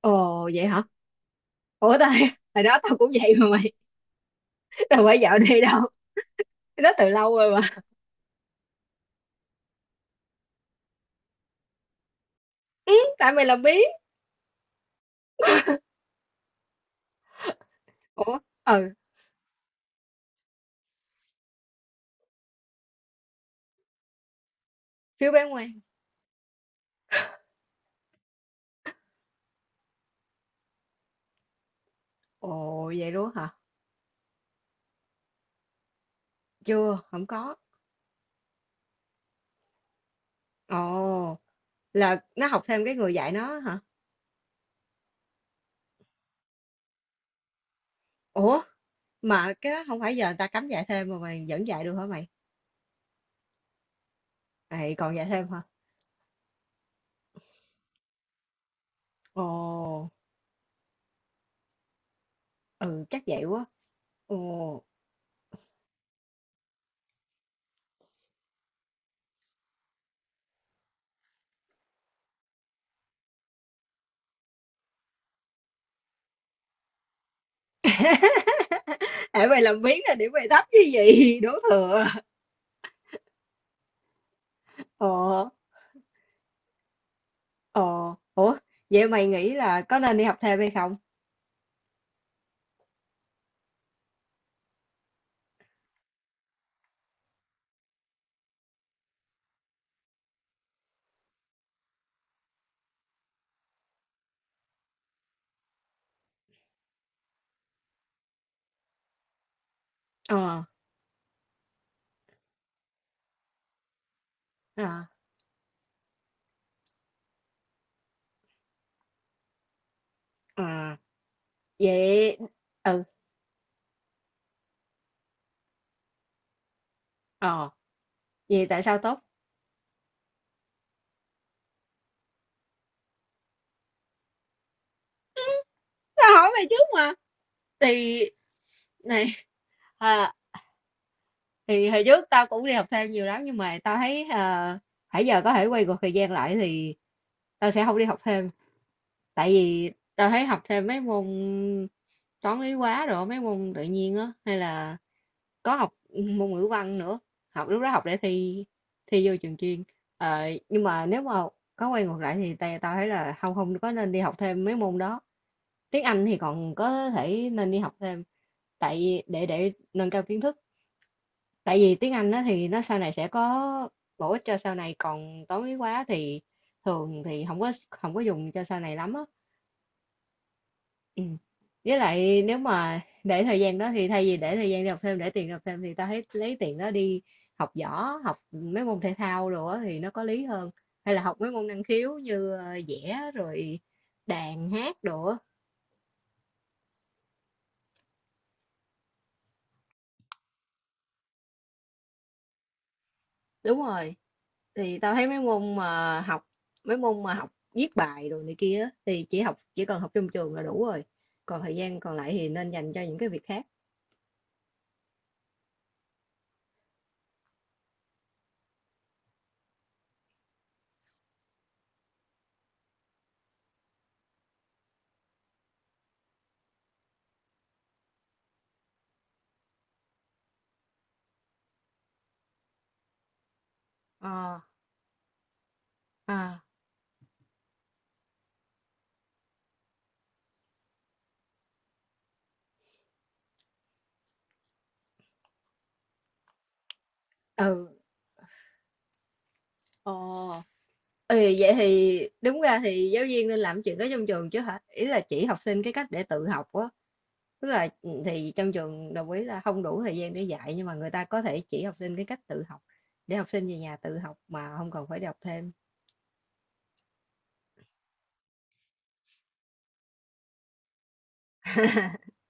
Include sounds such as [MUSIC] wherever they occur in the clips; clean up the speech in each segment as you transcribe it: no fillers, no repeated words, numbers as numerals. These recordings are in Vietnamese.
Ồ vậy hả? Ủa tao [LAUGHS] hồi đó tao cũng vậy mà mày, [LAUGHS] tao phải dạo đi đâu. Cái đó từ lâu rồi mà. Ừ, tại mày làm biết. Ủa, ừ, phiếu bán quan. Ồ vậy luôn hả? Chưa, không có. Ồ, là nó học thêm cái người dạy nó hả? Ủa, mà cái đó không phải giờ người ta cấm dạy thêm mà mày vẫn dạy được hả mày? Ê, còn dạy thêm hả? Ồ, ừ chắc vậy quá. Ồ. [LAUGHS] Tại mày làm biến là điểm mày thấp như vậy, đổ thừa. Ồ. Ồ, ủa, vậy mày nghĩ là có nên đi học thêm hay không? Ờ, à, à, vậy, ừ, ờ, vậy tại sao tốt? Tao hỏi mày trước mà. Thì, này, à, thì hồi trước tao cũng đi học thêm nhiều lắm, nhưng mà tao thấy à, hãy giờ có thể quay ngược thời gian lại thì tao sẽ không đi học thêm. Tại vì tao thấy học thêm mấy môn toán lý hóa rồi, mấy môn tự nhiên á, hay là có học môn ngữ văn nữa, học lúc đó học để thi, thi vô trường chuyên. Ờ, nhưng mà nếu mà có quay ngược lại thì tao tao thấy là không không có nên đi học thêm mấy môn đó. Tiếng Anh thì còn có thể nên đi học thêm, tại vì để nâng cao kiến thức, tại vì tiếng Anh đó thì nó sau này sẽ có bổ ích cho sau này, còn toán lý hóa thì thường thì không có dùng cho sau này lắm á. Ừ. Với lại nếu mà để thời gian đó thì thay vì để thời gian đi học thêm, để tiền đi học thêm, thì tao thấy lấy tiền đó đi học võ, học mấy môn thể thao rồi á, thì nó có lý hơn, hay là học mấy môn năng khiếu như vẽ rồi đàn hát đồ á. Đúng rồi, thì tao thấy mấy môn mà học, mấy môn mà học viết bài rồi này kia á, thì chỉ học, chỉ cần học trong trường là đủ rồi. Còn thời gian còn lại thì nên dành cho những cái việc khác. Ờ, à. Ừ, ờ, ừ, vậy thì đúng ra thì giáo viên nên làm chuyện đó trong trường chứ hả? Ý là chỉ học sinh cái cách để tự học á. Tức là ừ, thì trong trường đồng ý là không đủ thời gian để dạy, nhưng mà người ta có thể chỉ học sinh cái cách tự học để học sinh về nhà tự học mà không cần phải đi học thêm. [LAUGHS]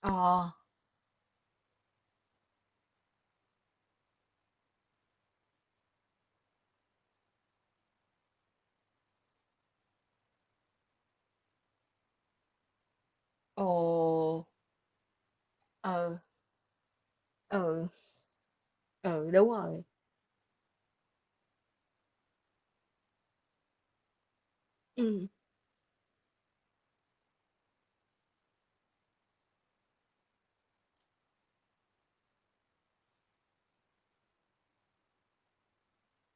Ờ, ồ, ừ, ừ, ừ đúng rồi. Ừ.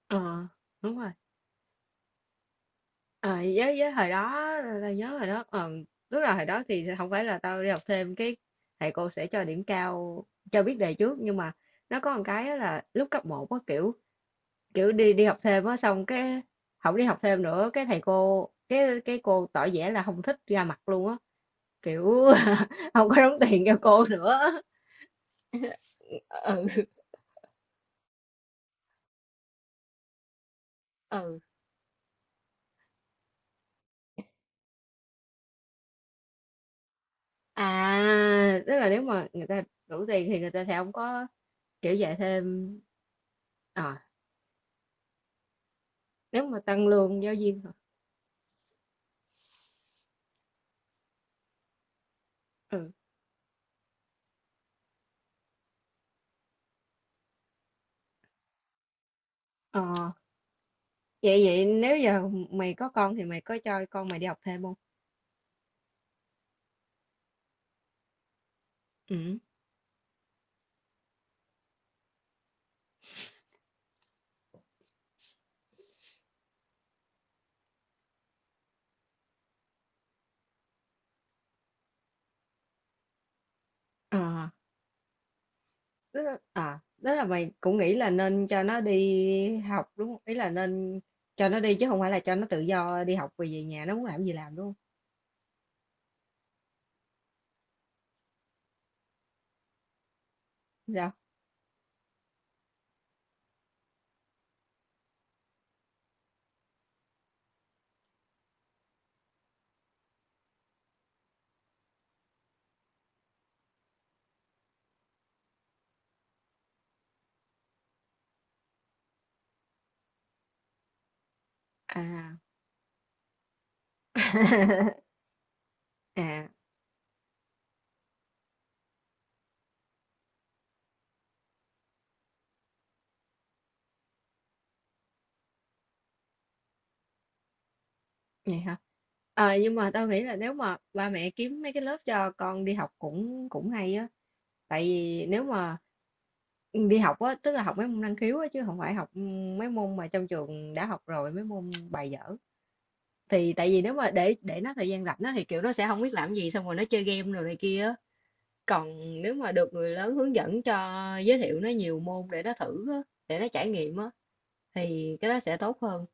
Ờ, đúng rồi. Ờ, với hồi đó, tao nhớ hồi đó ờ, lúc nào hồi đó thì không phải là tao đi học thêm cái thầy cô sẽ cho điểm cao, cho biết đề trước, nhưng mà nó có một cái á là lúc cấp một có kiểu, kiểu đi đi học thêm á, xong cái không đi học thêm nữa, cái thầy cô cái cô tỏ vẻ là không thích ra mặt luôn á, kiểu [LAUGHS] không có đóng tiền cho cô nữa. Ừ. Ừ, à, tức là nếu mà người ta đủ tiền thì người ta sẽ không có kiểu dạy thêm. À, nếu mà tăng lương giáo viên hả? Ờ, vậy vậy nếu giờ mày có con thì mày có cho con mày đi học thêm không? Ừ. Ờ, tức là, à, tức là mày cũng nghĩ là nên cho nó đi học đúng không? Ý là nên cho nó đi chứ không phải là cho nó tự do đi học về, nhà nó muốn làm gì làm đúng không? Sao? À. [LAUGHS] À. Vậy hả? Ờ, nhưng mà tao nghĩ là nếu mà ba mẹ kiếm mấy cái lớp cho con đi học cũng cũng hay á. Tại vì nếu mà đi học á, tức là học mấy môn năng khiếu á, chứ không phải học mấy môn mà trong trường đã học rồi, mấy môn bài dở. Thì tại vì nếu mà để nó thời gian rảnh á, thì kiểu nó sẽ không biết làm gì, xong rồi nó chơi game rồi này kia á. Còn nếu mà được người lớn hướng dẫn cho, giới thiệu nó nhiều môn để nó thử á, để nó trải nghiệm á, thì cái đó sẽ tốt hơn.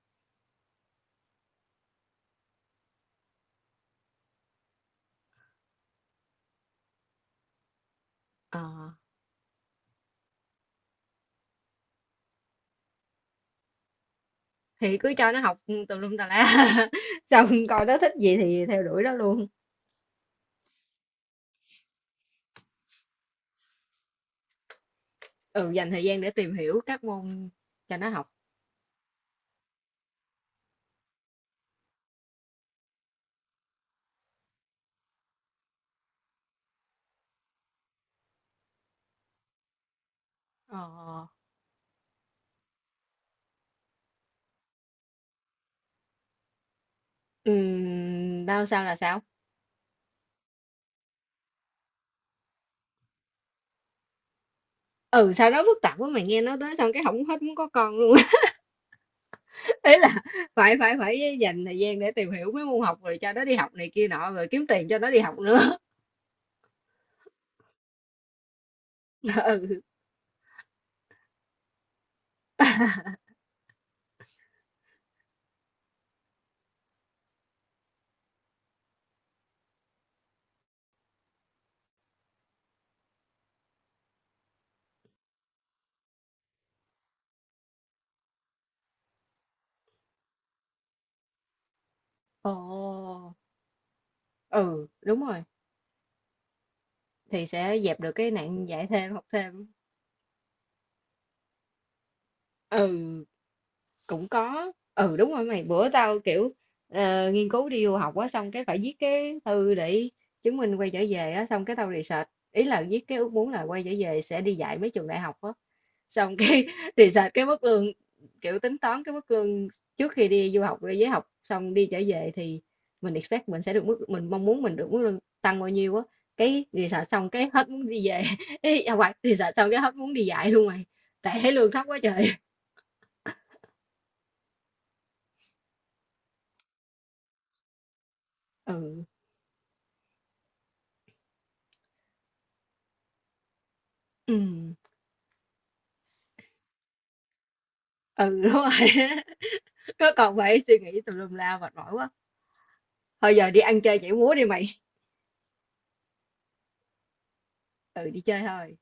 Ờ. Thì cứ cho nó học tùm lum tà la [LAUGHS] xong coi nó thích gì thì theo đuổi nó luôn. Ừ, dành thời gian để tìm hiểu các môn cho nó học. Ờ, đau sao là sao? Ừ sao nó phức tạp quá mày, nghe nó tới xong cái không, hết muốn có con luôn. [LAUGHS] Ấy là phải phải phải dành thời gian để tìm hiểu mấy môn học rồi cho nó đi học này kia nọ rồi kiếm tiền cho nó đi học nữa. [LAUGHS] Ừ. Ồ, ừ đúng rồi, thì sẽ dẹp được cái nạn dạy thêm học thêm. Ừ, cũng có, ừ đúng rồi, mày bữa tao kiểu ờ, nghiên cứu đi du học á, xong cái phải viết cái thư để chứng minh quay trở về á, xong cái tao research, ý là viết cái ước muốn là quay trở về sẽ đi dạy mấy trường đại học á, xong cái [LAUGHS] research cái mức lương, kiểu tính toán cái mức lương trước khi đi du học với học xong đi trở về thì mình expect mình sẽ được mức, mình mong muốn mình được mức lương tăng bao nhiêu á, cái research xong cái hết muốn đi về. [LAUGHS] Ý, à, hoặc research xong cái hết muốn đi dạy luôn mày, tại thấy lương thấp quá trời. Ừ, ừ. Ừ, đúng rồi [LAUGHS] á. Có còn phải suy nghĩ tùm lum la mệt mỏi quá. Thôi giờ đi ăn chơi nhảy múa đi mày. Ừ, đi chơi thôi.